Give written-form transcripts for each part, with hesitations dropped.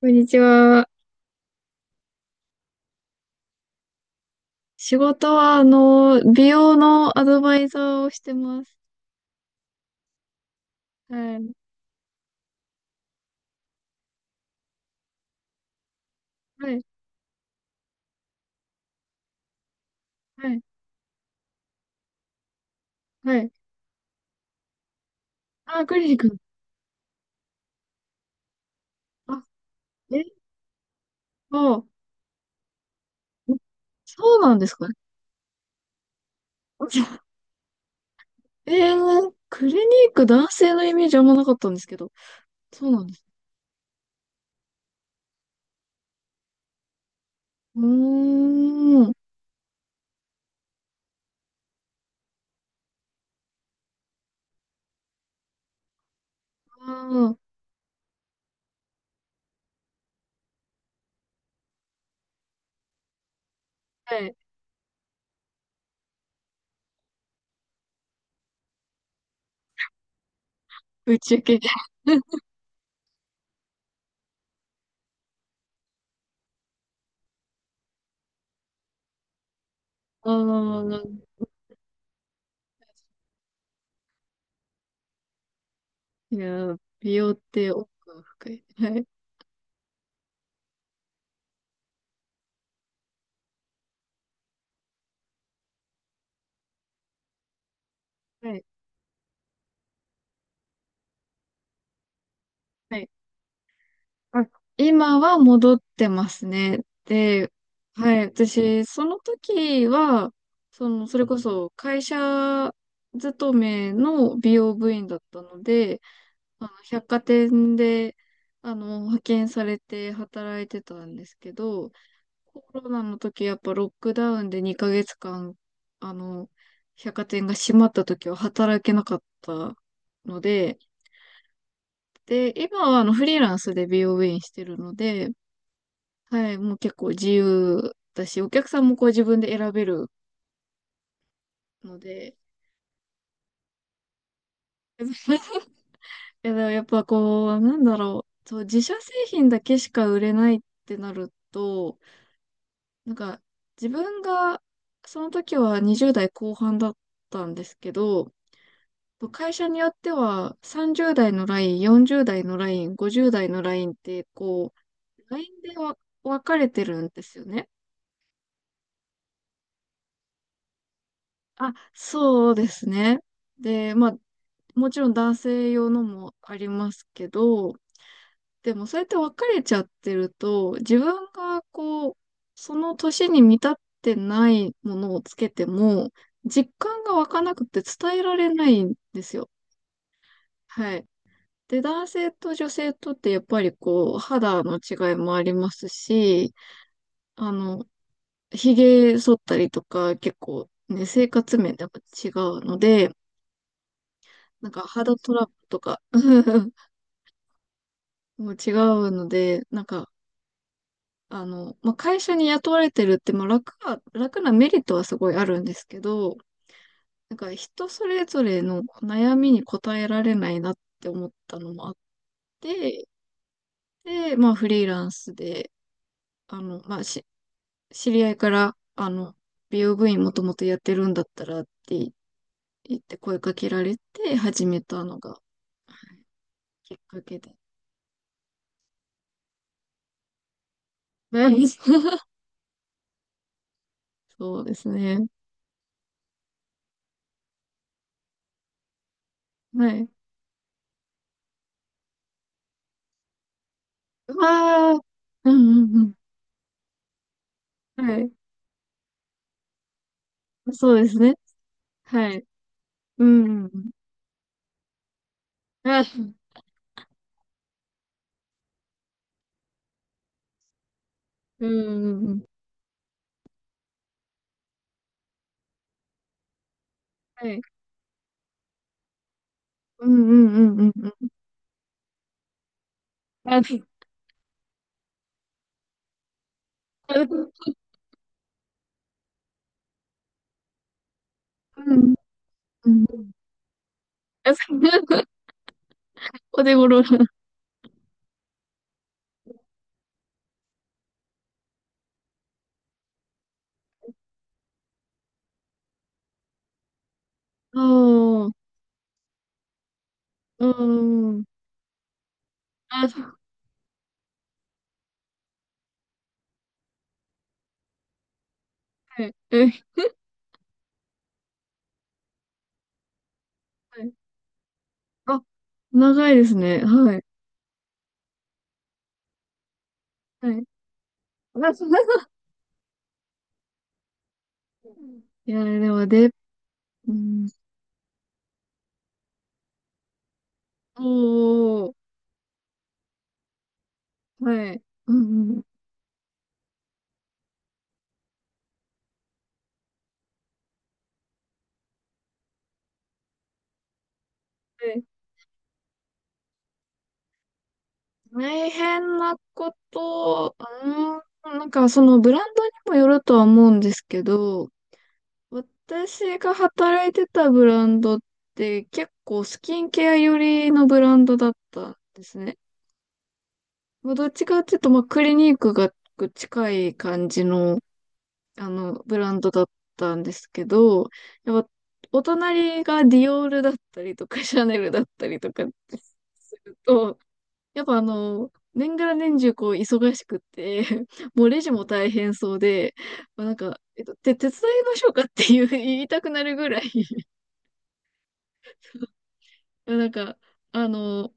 こんにちは。仕事は、美容のアドバイザーをしてます。はい。はい。はい。はい。あ、クリニック。あ、え、あ、そうなんですか。えー、クリニック男性のイメージあんまなかったんですけど。そうなんです。うーん。あー、はい。宇宙系。ああ、いやー、美容って奥が深い。はい。はい。はい。あ、今は戻ってますね。で、はい、私、その時は、その、それこそ会社勤めの美容部員だったので、百貨店で、派遣されて働いてたんですけど、コロナの時やっぱロックダウンで2ヶ月間、あの、百貨店が閉まった時は働けなかったので、で、今はあの、フリーランスで美容部員してるので、はい、もう結構自由だし、お客さんもこう自分で選べるので、いやでもやっぱこう、なんだろう、そう、自社製品だけしか売れないってなると、なんか自分が、その時は20代後半だったんですけど、会社によっては30代のライン、40代のライン、50代のラインって、こう、ラインで分かれてるんですよねあ、そうですね。で、まあ、もちろん男性用のもありますけど、でもそうやって別れちゃってると、自分がこう、その年に満たってないものをつけても、実感が湧かなくて伝えられないんですよ。はい。で、男性と女性とってやっぱりこう、肌の違いもありますし、あの、髭剃ったりとか結構ね、生活面でも違うので、なんか肌トラブルとか も違うので、会社に雇われてるって、まあ、楽なメリットはすごいあるんですけど、なんか人それぞれの悩みに応えられないなって思ったのもあって、で、まあ、フリーランスで、あの、まあ、し、知り合いから、美容部員もともとやってるんだったらって言って声かけられて始めたのがきっかけで。はい そうですね。はい。うわー。うんうんうん。はい。そうですね。はい。うんうん。あ、うんうんうん。はい。うんうんうんうんうん。あ、うんうん。あ、お手頃な。ああ、うんうん。あ、はい。え、はい。あ、長いですね。はい。はい。あ、そう。いや、でも、で、うん。おー、はい。うんうん。で、大変なこと、うん、なんかそのブランドにもよるとは思うんですけど、私が働いてたブランドって結構スキンケア寄りのブランドだったんですね。まあ、どっちかっていうと、まあ、クリニックが近い感じの、ブランドだったんですけど、やっぱ、お隣がディオールだったりとか、シャネルだったりとかすると、やっぱあの、年がら年中こう忙しくて、もうレジも大変そうで、まあ、なんか、手伝いましょうかっていう言いたくなるぐらいいやなんか、あの、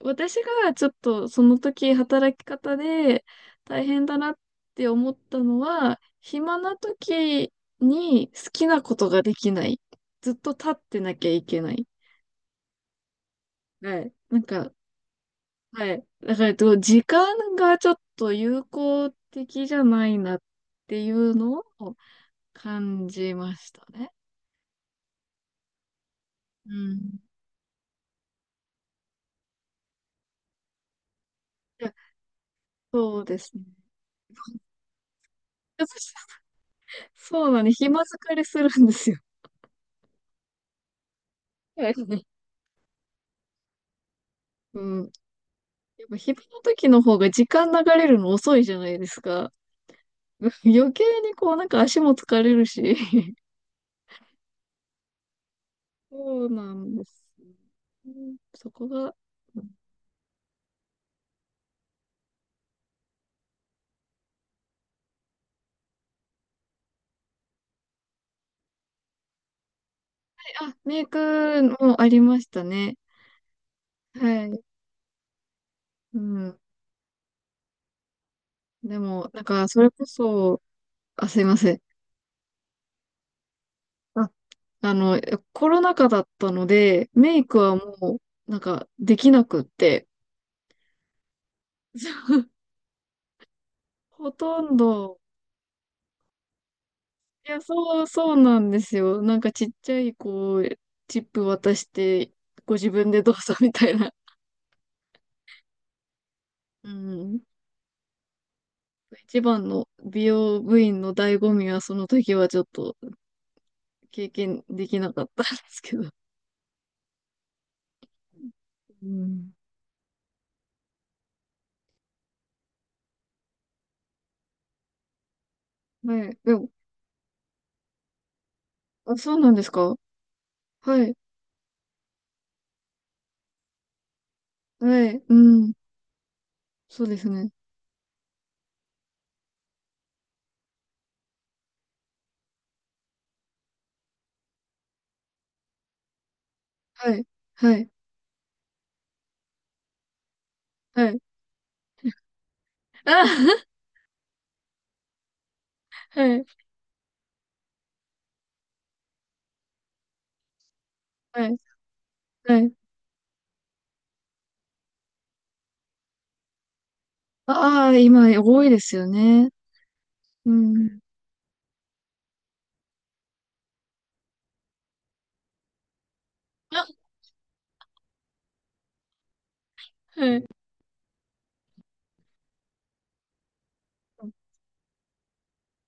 私がちょっとその時働き方で大変だなって思ったのは、暇な時に好きなことができない。ずっと立ってなきゃいけない。はい。なんか、はい。だから、えっと時間がちょっと有効的じゃないなっていうのを感じましたね。うん。いや、そうですね。そうなんで、暇疲れするんですよ。はい うん。やっぱ昼の時の方が時間流れるの遅いじゃないですか。余計にこうなんか足も疲れるし。そうなんです。うんそこが。あ、メイクもありましたね。はい。うん。でも、なんか、それこそ、あ、すいません。あ、あの、コロナ禍だったので、メイクはもう、なんか、できなくって、ほとんど、いや、そうなんですよ。なんかちっちゃい、こう、チップ渡して、ご自分でどうぞみたいな。うん。一番の美容部員の醍醐味は、その時はちょっと経験できなかったんですけど。うん。はい。でも、あ、そうなんですか。はい。はい。うん。そうですね。はい。はい。はい。あ、はい。はい。はい。ああ、今、多いですよね。うん。あ、はい。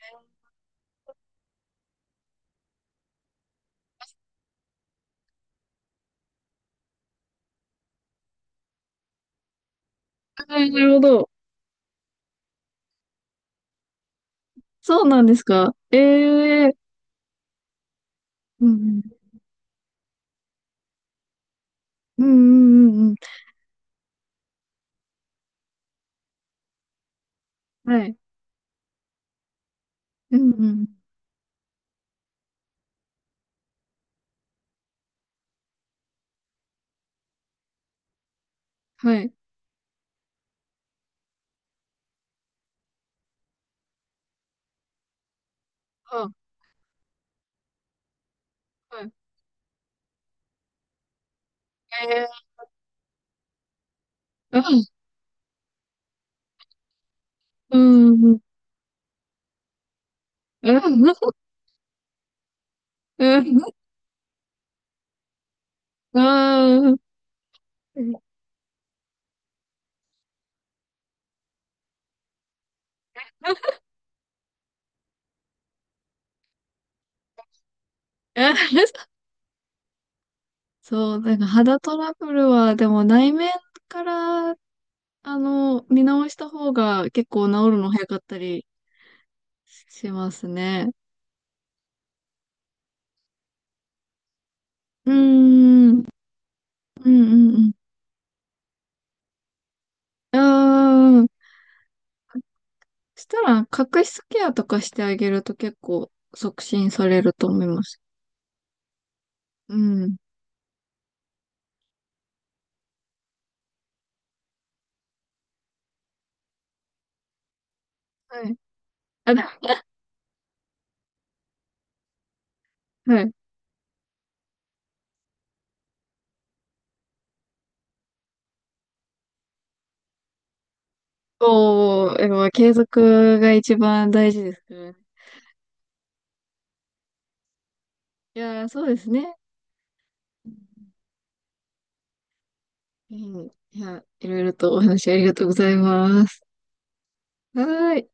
あなるほど。そうなんですか。ええうんうんうんうんうんうん。はい。うんうん。はい。ははい。ええうんうんうん。うんうんうん。あそう、なんか肌トラブルは、でも内面から、見直した方が結構治るの早かったりしますね。うーん。うんうんうん。ああ。したら、角質ケアとかしてあげると結構促進されると思います。うん。はい。あ、ではい。おー、やっぱ継続が一番大事ですからね。いやー、そうですね。うん。いや、いろいろとお話ありがとうございます。はーい。